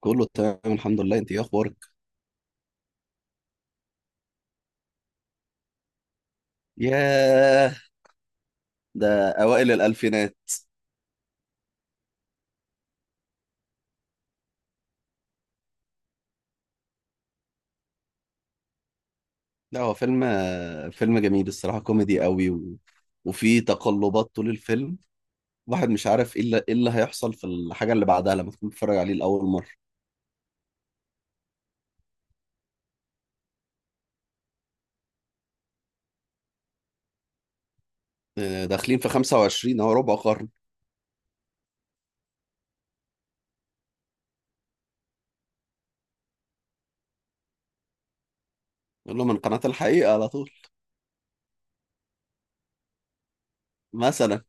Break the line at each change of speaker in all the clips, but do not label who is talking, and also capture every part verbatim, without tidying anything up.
كله تمام الحمد لله، انت ايه اخبارك؟ ياه. ده اوائل الالفينات. لا، هو فيلم فيلم جميل الصراحه، كوميدي قوي و... وفي تقلبات طول الفيلم. واحد مش عارف ايه اللي, ايه اللي هيحصل في الحاجه اللي بعدها لما تكون بتتفرج عليه لاول مره. آه، داخلين في خمسة وعشرين اهو، ربع قرن. يقول له من قناه الحقيقه على طول. مثلا.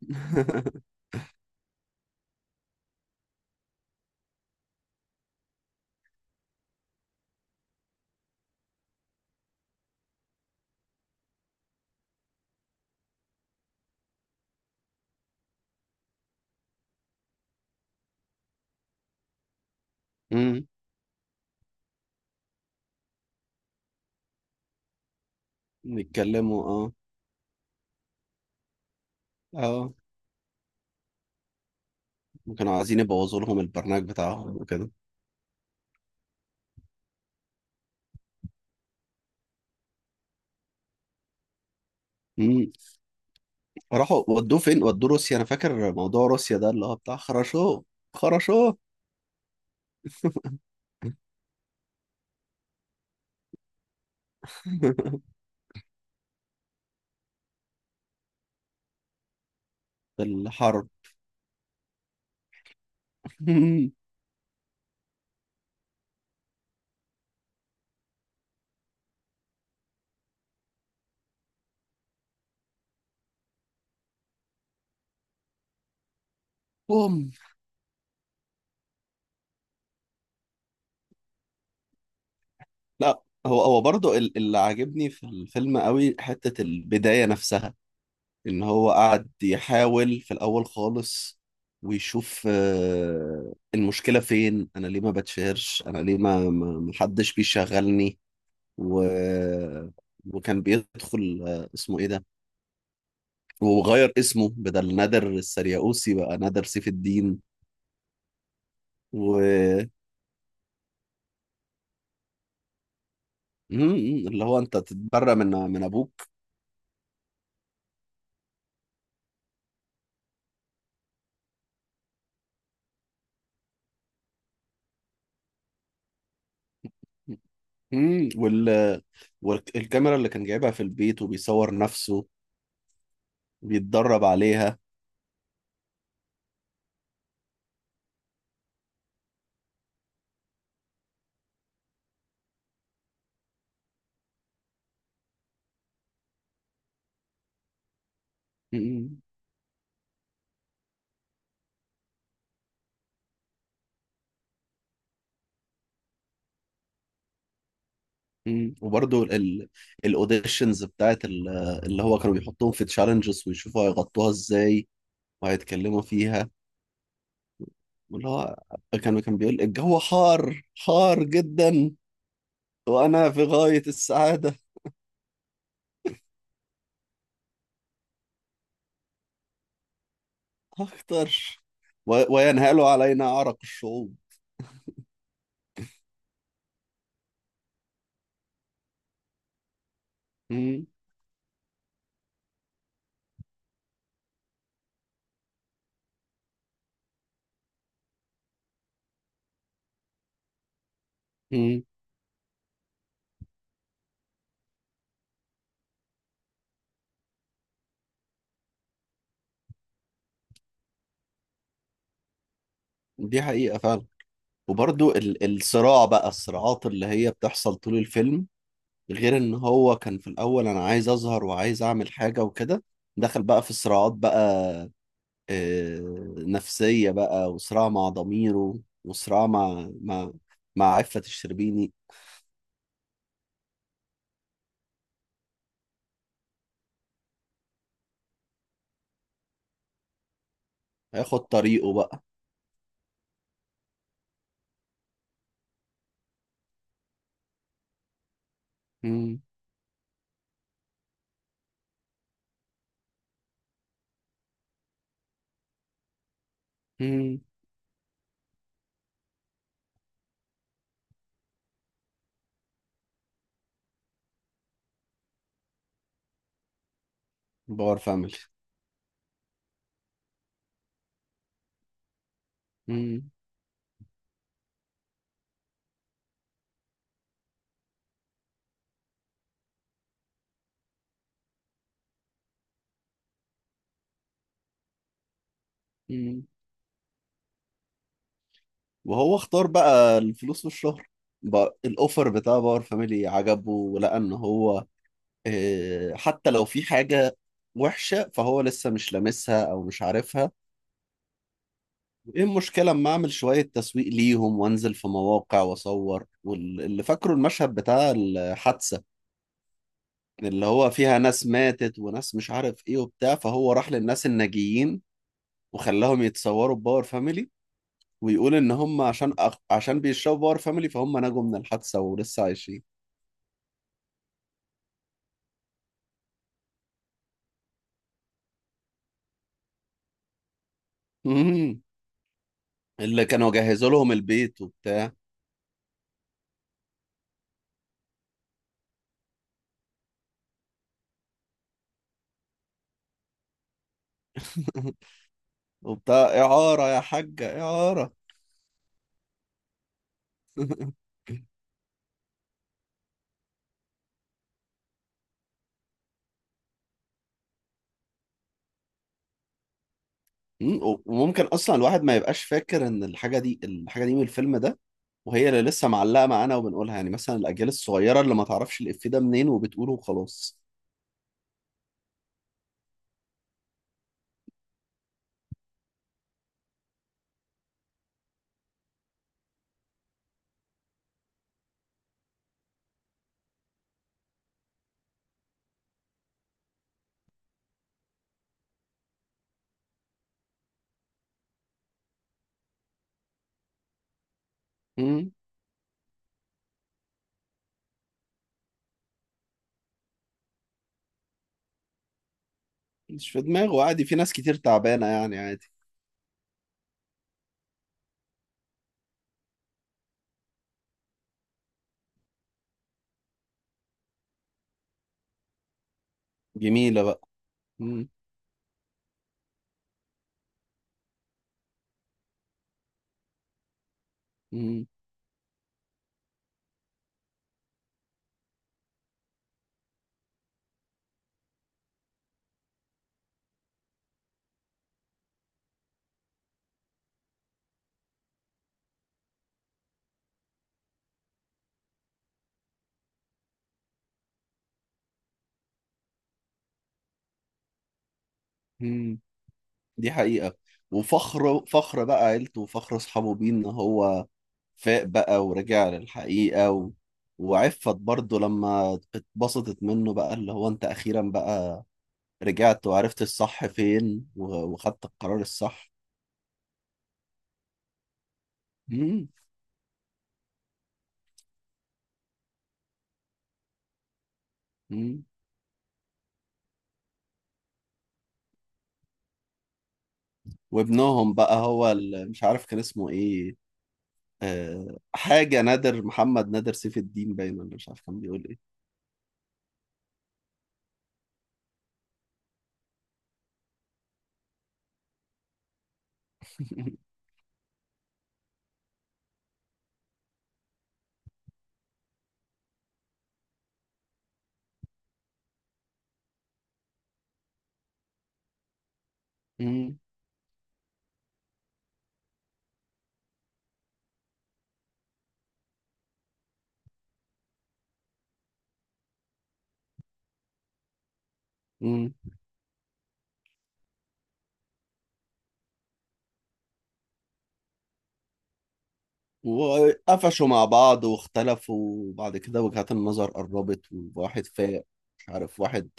امم. يتكلموا اه. اه. كانوا عايزين يبوظوا لهم البرنامج بتاعهم وكده. راحوا ودوه فين؟ ودوه روسيا. انا فاكر موضوع روسيا ده اللي هو بتاع خرشوه. خرشوه. في الحرب. بوم. لا، هو هو برضو ال- اللي عاجبني في الفيلم قوي حتة البداية نفسها. ان هو قعد يحاول في الاول خالص ويشوف آه، المشكلة فين، انا ليه ما بتشهرش، انا ليه ما ما- ما حدش بيشغلني؟ و... وكان بيدخل آه، اسمه ايه ده، وغير اسمه بدل نادر السرياوسي بقى نادر سيف الدين. و مم، اللي هو انت تتبرى من من ابوك. مم، وال والكاميرا اللي كان جايبها في البيت وبيصور نفسه بيتدرب عليها. مم. مم. وبرضه ال... الاوديشنز بتاعت ال... اللي هو كانوا بيحطوهم في تشالنجز ويشوفوا هيغطوها ازاي وهيتكلموا فيها. واللي هو كان كان بيقول الجو حار حار جدا وانا في غاية السعادة. هختار. و- وينهال علينا أعرق الشعوب. مم. مم. دي حقيقة فعلا. وبرضو ال- الصراع بقى، الصراعات اللي هي بتحصل طول الفيلم، غير ان هو كان في الاول انا عايز اظهر وعايز اعمل حاجة وكده. دخل بقى في صراعات بقى آه، نفسية بقى، وصراع مع ضميره، وصراع مع مع مع عفة الشربيني. هياخد طريقه بقى. مم. مم. باور فاميلي. مم. وهو اختار بقى الفلوس والشهرة. بقى الاوفر بتاع باور فاميلي عجبه ولقى ان هو آه، حتى لو في حاجة وحشة فهو لسه مش لامسها او مش عارفها. ايه المشكلة؟ اما اعمل شوية تسويق ليهم وانزل في مواقع واصور، واللي فاكره المشهد بتاع الحادثة اللي هو فيها ناس ماتت وناس مش عارف ايه وبتاع، فهو راح للناس الناجيين وخلاهم يتصوروا بباور فاميلي، ويقول ان هم عشان أخ... عشان بيشربوا باور فاميلي فهم نجوا من الحادثة ولسه عايشين. مم. اللي كانوا جهزوا لهم البيت وبتاع. وبتاع. إعارة يا حاجة، إعارة. مم. و- وممكن أصلا الواحد ما يبقاش فاكر إن الحاجة دي الحاجة دي من الفيلم ده، وهي اللي لسه معلقة معانا وبنقولها، يعني مثلا الأجيال الصغيرة اللي ما تعرفش الإفيه ده منين وبتقوله وخلاص. مم. مش في دماغه عادي، في ناس كتير تعبانة يعني عادي. جميلة بقى. مم. مم. مم. دي حقيقة. وفخر فخر بقى عيلته وفخر أصحابه بيه إن هو فاق بقى ورجع للحقيقة و... وعفت برضه لما اتبسطت منه بقى اللي هو انت اخيرا بقى رجعت وعرفت الصح فين و... وخدت القرار الصح. مم. مم. وابنهم بقى هو ال... مش عارف كان اسمه ايه. أه... حاجة نادر محمد، نادر سيف الدين باين ولا مش عارف كان بيقول ايه. مم. مم. وقفشوا مع بعض واختلفوا، وبعد كده وجهات النظر قربت وواحد فاق. مش عارف، واحد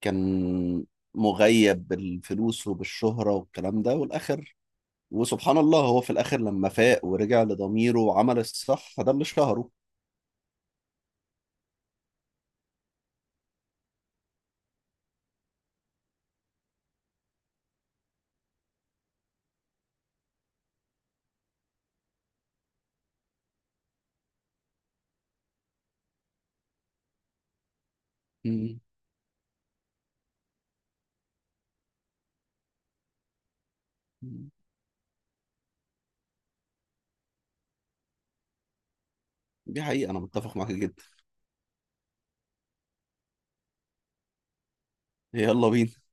كان مغيب بالفلوس وبالشهرة والكلام ده والآخر. وسبحان الله هو في الآخر لما فاق ورجع لضميره وعمل الصح فده اللي شهره. مم. دي حقيقة، أنا متفق معاك جدا. يلا بينا.